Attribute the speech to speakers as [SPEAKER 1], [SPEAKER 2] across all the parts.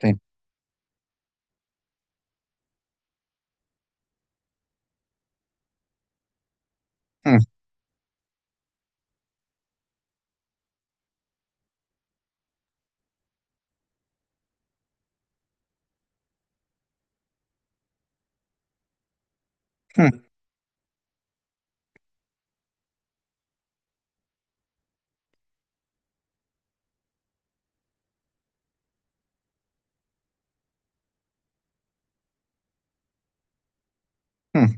[SPEAKER 1] Sim. Hum, hum, hum.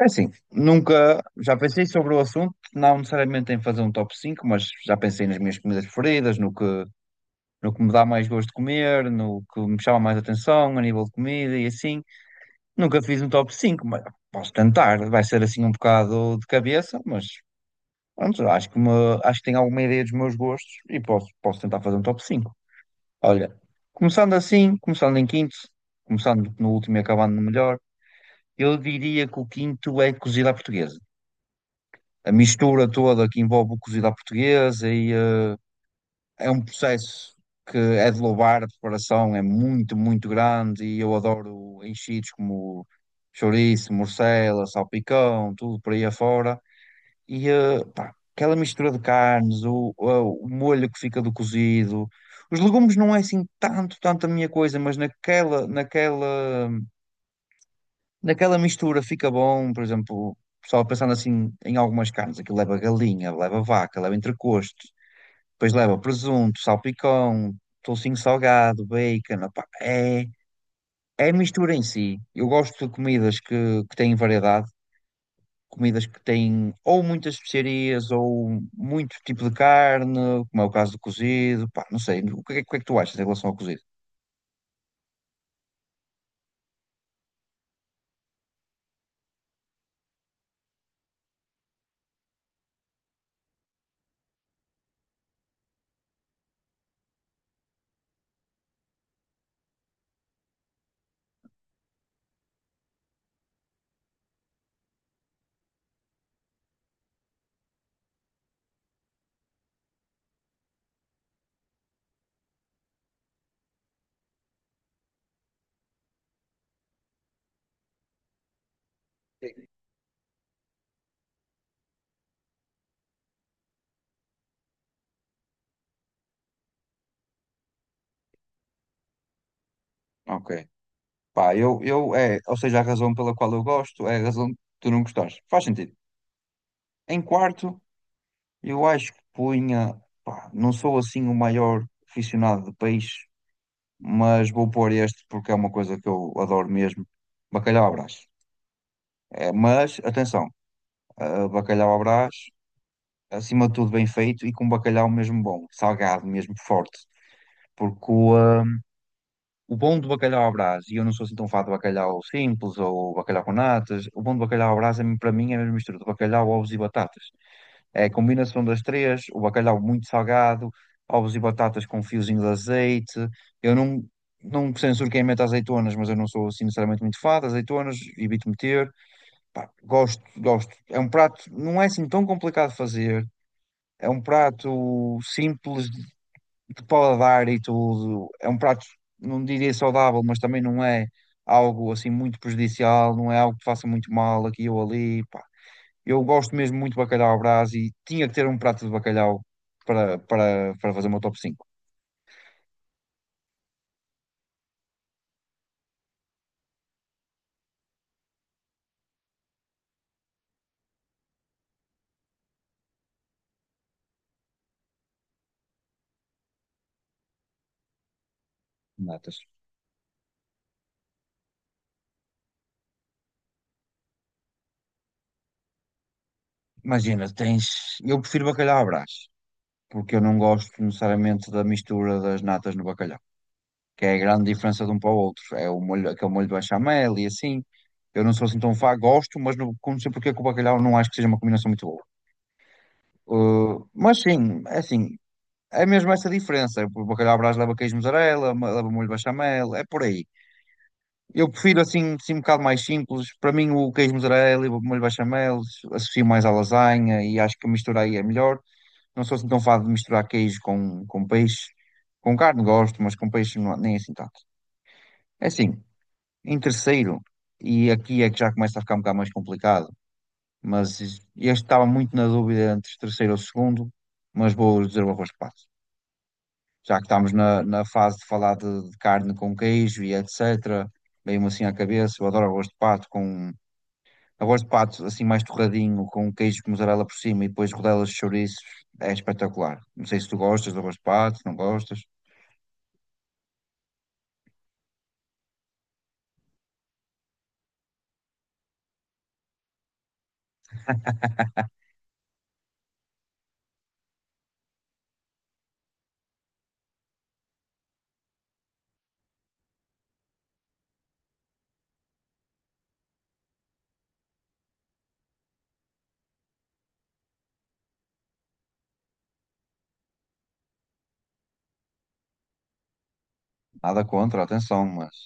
[SPEAKER 1] É assim, nunca já pensei sobre o assunto, não necessariamente em fazer um top 5, mas já pensei nas minhas comidas preferidas, no que me dá mais gosto de comer, no que me chama mais atenção a nível de comida e assim. Nunca fiz um top 5, mas posso tentar. Vai ser assim um bocado de cabeça, mas pronto, acho que tenho alguma ideia dos meus gostos e posso tentar fazer um top 5. Olha, começando assim, começando em quinto, começando no último e acabando no melhor. Eu diria que o quinto é cozida à portuguesa. A mistura toda que envolve o cozido à portuguesa é um processo que é de louvar, a preparação é muito, muito grande e eu adoro enchidos como chouriço, morcela, salpicão, tudo por aí afora. E pá, aquela mistura de carnes, o molho que fica do cozido. Os legumes não é assim tanto a minha coisa, mas naquela mistura fica bom, por exemplo, só pensando assim em algumas carnes, aquilo leva galinha, leva vaca, leva entrecosto, depois leva presunto, salpicão, toucinho salgado, bacon, opá, é a mistura em si. Eu gosto de comidas que têm variedade, comidas que têm ou muitas especiarias ou muito tipo de carne, como é o caso do cozido, pá, não sei, o que é que tu achas em relação ao cozido? Sim. Ok. Pá, eu ou seja, a razão pela qual eu gosto é a razão que tu não gostares. Faz sentido. Em quarto, eu acho que punha, pá, não sou assim o maior aficionado de peixe, mas vou pôr este porque é uma coisa que eu adoro mesmo. Bacalhau à Brás. É, mas, atenção, bacalhau à Brás, acima de tudo bem feito e com bacalhau mesmo bom, salgado mesmo, forte. Porque o bom do bacalhau à Brás, e eu não sou assim tão fã de bacalhau simples ou bacalhau com natas, o bom do bacalhau à Brás é, para mim é a mesma mistura de bacalhau, ovos e batatas. É a combinação das três, o bacalhau muito salgado, ovos e batatas com um fiozinho de azeite. Eu não, não censuro quem mete azeitonas, mas eu não sou assim necessariamente muito fã de azeitonas, evito meter. Pá, gosto, gosto. É um prato, não é assim tão complicado de fazer. É um prato simples de paladar e tudo. É um prato, não diria saudável, mas também não é algo assim muito prejudicial, não é algo que faça muito mal aqui ou ali. Pá, eu gosto mesmo muito de bacalhau à Brás e tinha que ter um prato de bacalhau para fazer o meu top cinco de natas. Imagina, tens. Eu prefiro bacalhau à Brás, porque eu não gosto necessariamente da mistura das natas no bacalhau, que é a grande diferença de um para o outro. É o molho, aquele molho de bechamel e assim. Eu não sou assim tão fã, gosto, mas não sei porque com o bacalhau não acho que seja uma combinação muito boa. Mas sim, é assim, é mesmo essa diferença. O bacalhau à Brás leva queijo mussarela, leva molho de bechamel, é por aí. Eu prefiro assim um bocado mais simples. Para mim, o queijo mussarela e o molho bechamel associo mais à lasanha e acho que a mistura aí é melhor. Não sou assim tão fado de misturar queijo com peixe. Com carne gosto, mas com peixe não, nem assim tanto. É assim, em terceiro, e aqui é que já começa a ficar um bocado mais complicado, mas este estava muito na dúvida entre terceiro ou segundo, mas vou dizer o arroz de pato. Já que estamos na fase de falar de carne com queijo e etc., veio-me assim à cabeça, eu adoro arroz de pato com. Eu gosto de pato assim mais torradinho, com um queijo de mussarela por cima e depois rodelas de chouriços. É espetacular. Não sei se tu gostas do gosto de pato, se não gostas. Nada contra, atenção, mas.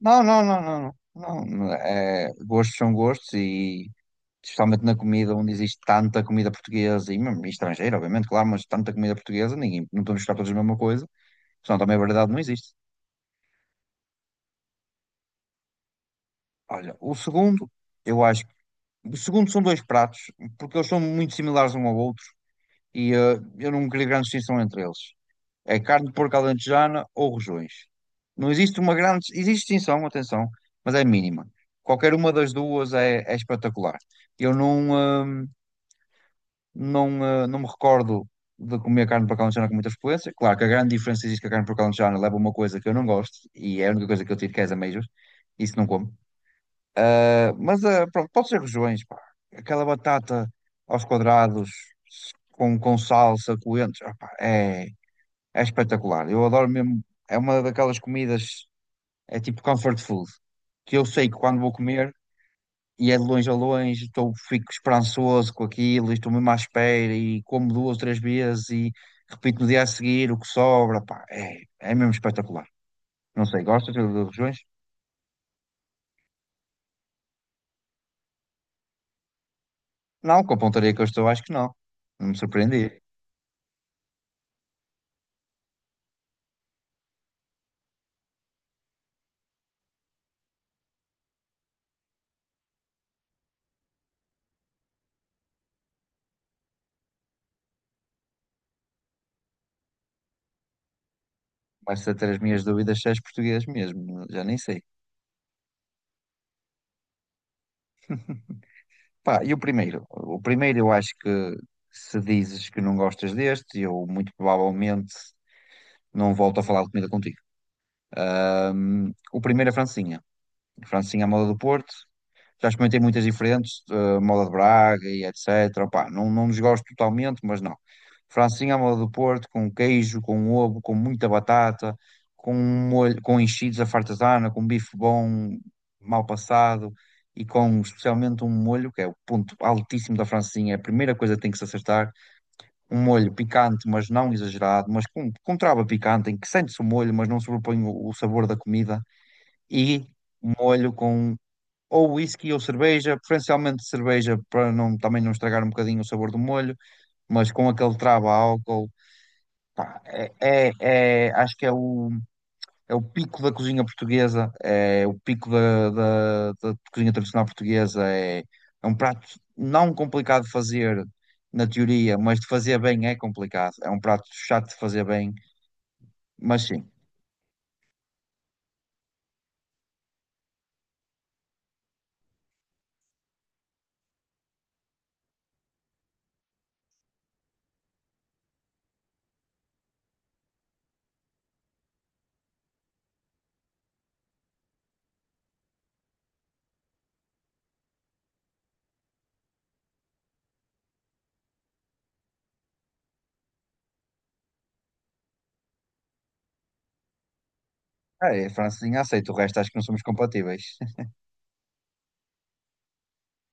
[SPEAKER 1] Não, não, não, não, não. Não, não, é, gostos são gostos e especialmente na comida onde existe tanta comida portuguesa e, mesmo estrangeira, obviamente, claro, mas tanta comida portuguesa, ninguém, não podemos buscar todos a mesma coisa, senão também a variedade não existe. Olha, o segundo, eu acho, o segundo são dois pratos, porque eles são muito similares um ao outro, eu não queria grande distinção entre eles. É carne de porco alentejana ou rojões. Não existe uma grande. Existe distinção, atenção, mas é mínima. Qualquer uma das duas é espetacular. Eu não, eh, não, eh, não me recordo de comer carne de porco alentejana com muita frequência. Claro que a grande diferença existe que a carne de porco alentejana leva uma coisa que eu não gosto e é a única coisa que eu tiro que é as ameijas. Isso não como. Mas pronto, pode ser regiões, pá. Aquela batata aos quadrados, com salsa, coentros, pá, é espetacular. Eu adoro mesmo. É uma daquelas comidas, é tipo comfort food, que eu sei que quando vou comer, e é de longe a longe, estou, fico esperançoso com aquilo, e estou mesmo à espera, e como duas, três vezes, e repito no dia a seguir o que sobra, pá, é mesmo espetacular. Não sei, gostas de regiões? Não, com a pontaria que eu estou, acho que não. Não me surpreendi. Começo a ter as minhas dúvidas se és português mesmo, já nem sei. Pá, e o primeiro? O primeiro eu acho que se dizes que não gostas deste, eu muito provavelmente não volto a falar de comida contigo. O primeiro é Francinha. Francinha à moda do Porto. Já experimentei muitas diferentes, moda de Braga e etc. Opá, não, não desgosto totalmente, mas não. Francinha à moda do Porto, com queijo, com ovo, com muita batata, com molho, com enchidos à fartazana, com bife bom, mal passado e com especialmente um molho, que é o ponto altíssimo da francesinha, é a primeira coisa que tem que se acertar. Um molho picante, mas não exagerado, mas com trava picante, em que sente-se o molho, mas não sobrepõe o sabor da comida. E um molho com ou whisky ou cerveja, preferencialmente cerveja para não, também não estragar um bocadinho o sabor do molho, mas com aquele trava a álcool, é, é, acho que é o pico da cozinha portuguesa, é o pico da cozinha tradicional portuguesa, é um prato não complicado de fazer na teoria, mas de fazer bem é complicado, é um prato chato de fazer bem, mas sim, Francesinha aceito, o resto acho que não somos compatíveis.